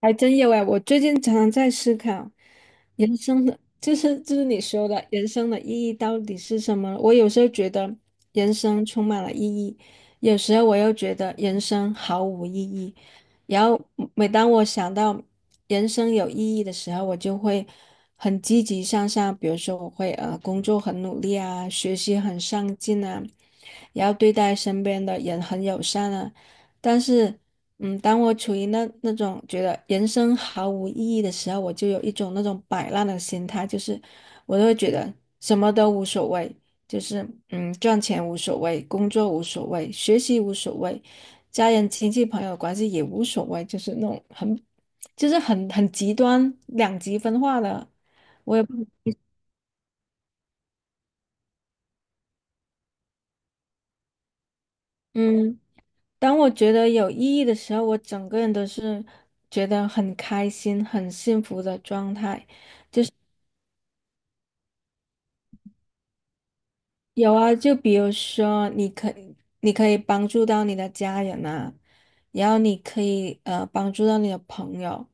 还真有哎，我最近常常在思考人生的，就是你说的人生的意义到底是什么？我有时候觉得人生充满了意义，有时候我又觉得人生毫无意义。然后每当我想到人生有意义的时候，我就会很积极向上，比如说我会工作很努力啊，学习很上进啊，然后对待身边的人很友善啊。但是，当我处于那种觉得人生毫无意义的时候，我就有一种那种摆烂的心态，就是我就会觉得什么都无所谓，赚钱无所谓，工作无所谓，学习无所谓，家人、亲戚、朋友关系也无所谓，就是那种很，就是很极端两极分化的。嗯，当我觉得有意义的时候，我整个人都是觉得很开心、很幸福的状态。有啊，就比如说，你可以帮助到你的家人啊，然后你可以帮助到你的朋友，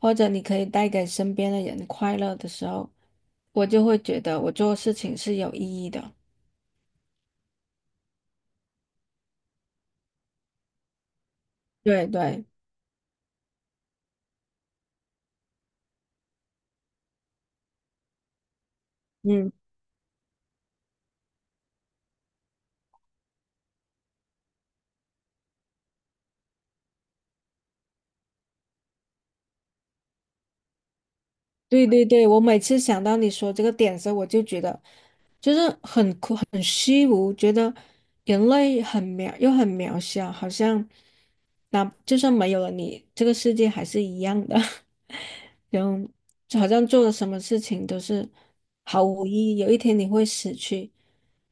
或者你可以带给身边的人快乐的时候，我就会觉得我做事情是有意义的。对对，嗯。对对对，我每次想到你说这个点的时候，我就觉得就是很苦很虚无，觉得人类很渺又很渺小，好像那就算没有了你，这个世界还是一样的，然后就好像做了什么事情都是毫无意义。有一天你会死去，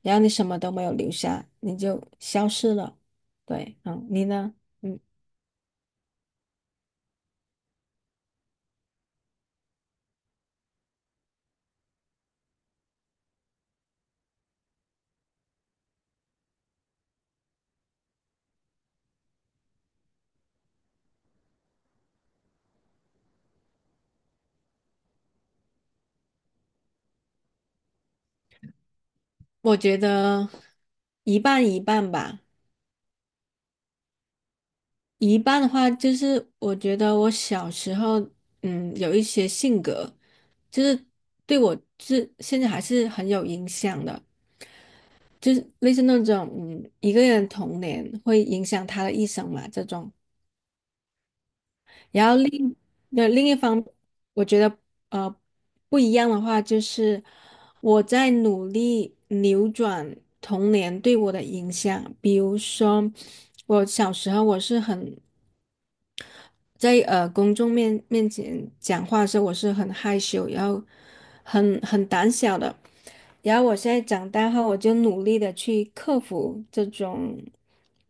然后你什么都没有留下，你就消失了。对，嗯，你呢？嗯，我觉得一半一半吧。一半的话，就是我觉得我小时候，嗯，有一些性格，就是对我是现在还是很有影响的，就是类似那种，嗯，一个人童年会影响他的一生嘛，这种。然后另一方，我觉得呃不一样的话，就是我在努力扭转童年对我的影响。比如说，我小时候我是很在公众面前讲话的时候，我是很害羞，然后很胆小的。然后我现在长大后，我就努力的去克服这种，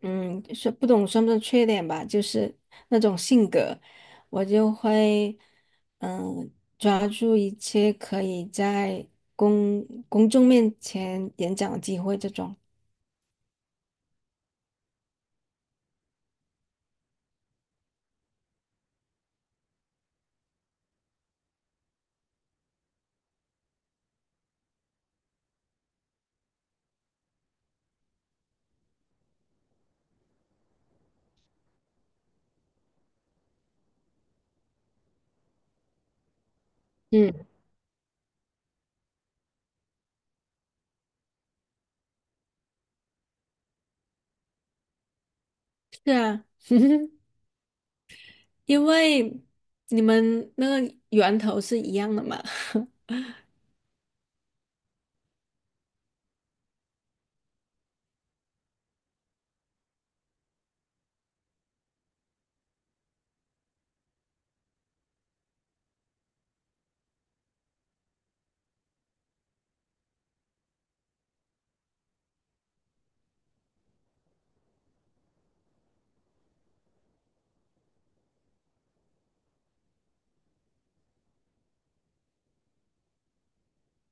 嗯，说不懂算不算缺点吧，就是那种性格，我就会，嗯，抓住一切可以在公众面前演讲的机会，这种。嗯，是啊，因为你们那个源头是一样的嘛。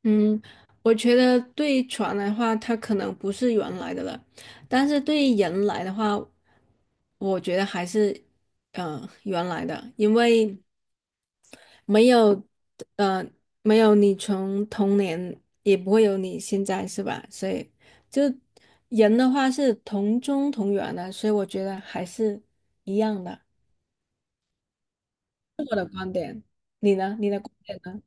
嗯，我觉得对船来的话，它可能不是原来的了，但是对于人来的话，我觉得还是原来的，因为没有呃没有你从童年，也不会有你现在是吧？所以就人的话是同宗同源的，所以我觉得还是一样的。你呢？你的观点呢？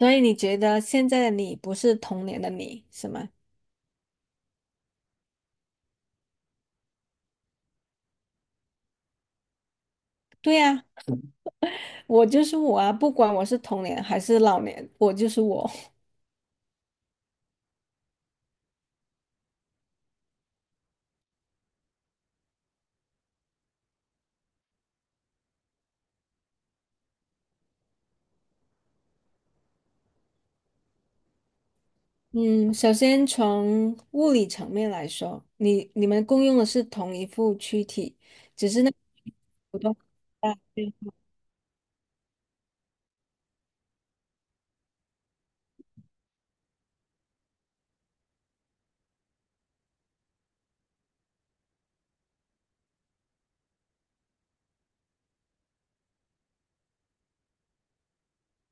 所以你觉得现在的你不是童年的你，是吗？对呀、我就是我啊，不管我是童年还是老年，我就是我。嗯，首先从物理层面来说，你们共用的是同一副躯体，只是那个不同啊对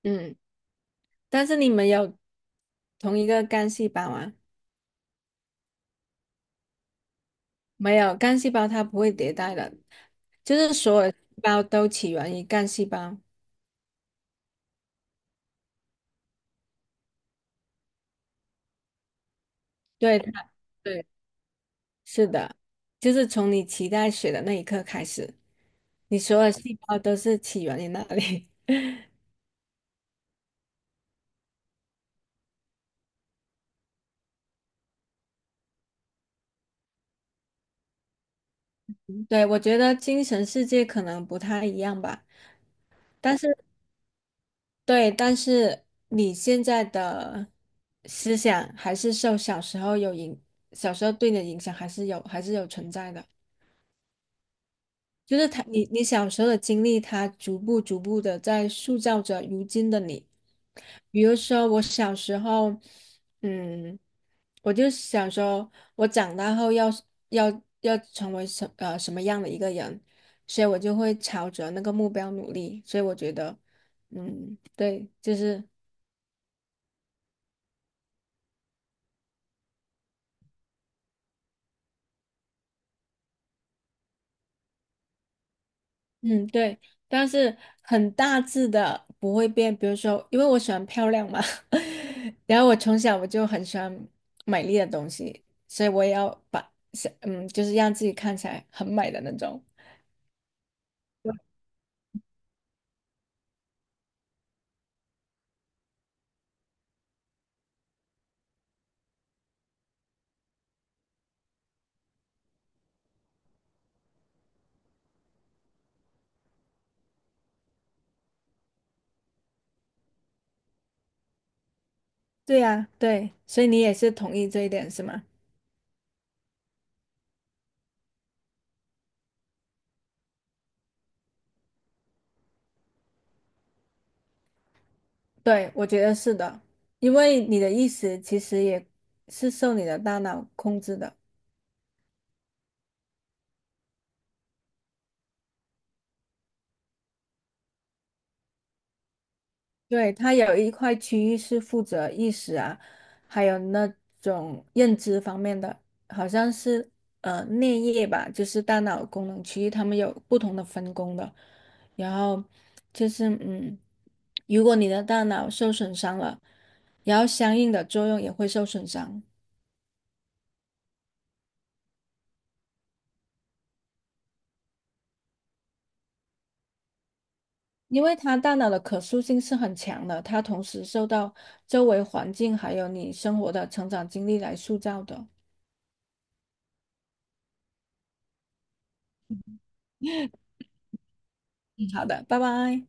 嗯，但是你们有同一个干细胞啊？没有，干细胞它不会迭代的，就是所有细胞都起源于干细胞。对，它对，是的，就是从你脐带血的那一刻开始，你所有细胞都是起源于那里。对，我觉得精神世界可能不太一样吧，但是对，但是你现在的思想还是受小时候有影，小时候对你的影响还是有，还是有存在的。就是他，你小时候的经历，他逐步逐步的在塑造着如今的你。比如说，我小时候，嗯，我就想说，我长大后要成为什么样的一个人，所以我就会朝着那个目标努力。所以我觉得，嗯，对，就是嗯，对，但是很大致的不会变。比如说，因为我喜欢漂亮嘛，然后我从小我就很喜欢美丽的东西，所以我也要把，是嗯，就是让自己看起来很美的那种。对呀，对，所以你也是同意这一点是吗？对，我觉得是的，因为你的意识其实也是受你的大脑控制的。对，它有一块区域是负责意识啊，还有那种认知方面的，好像是颞叶吧，就是大脑功能区域，它们有不同的分工的。然后就是嗯，如果你的大脑受损伤了，然后相应的作用也会受损伤，因为它大脑的可塑性是很强的，它同时受到周围环境还有你生活的成长经历来塑造的。嗯好的，拜拜。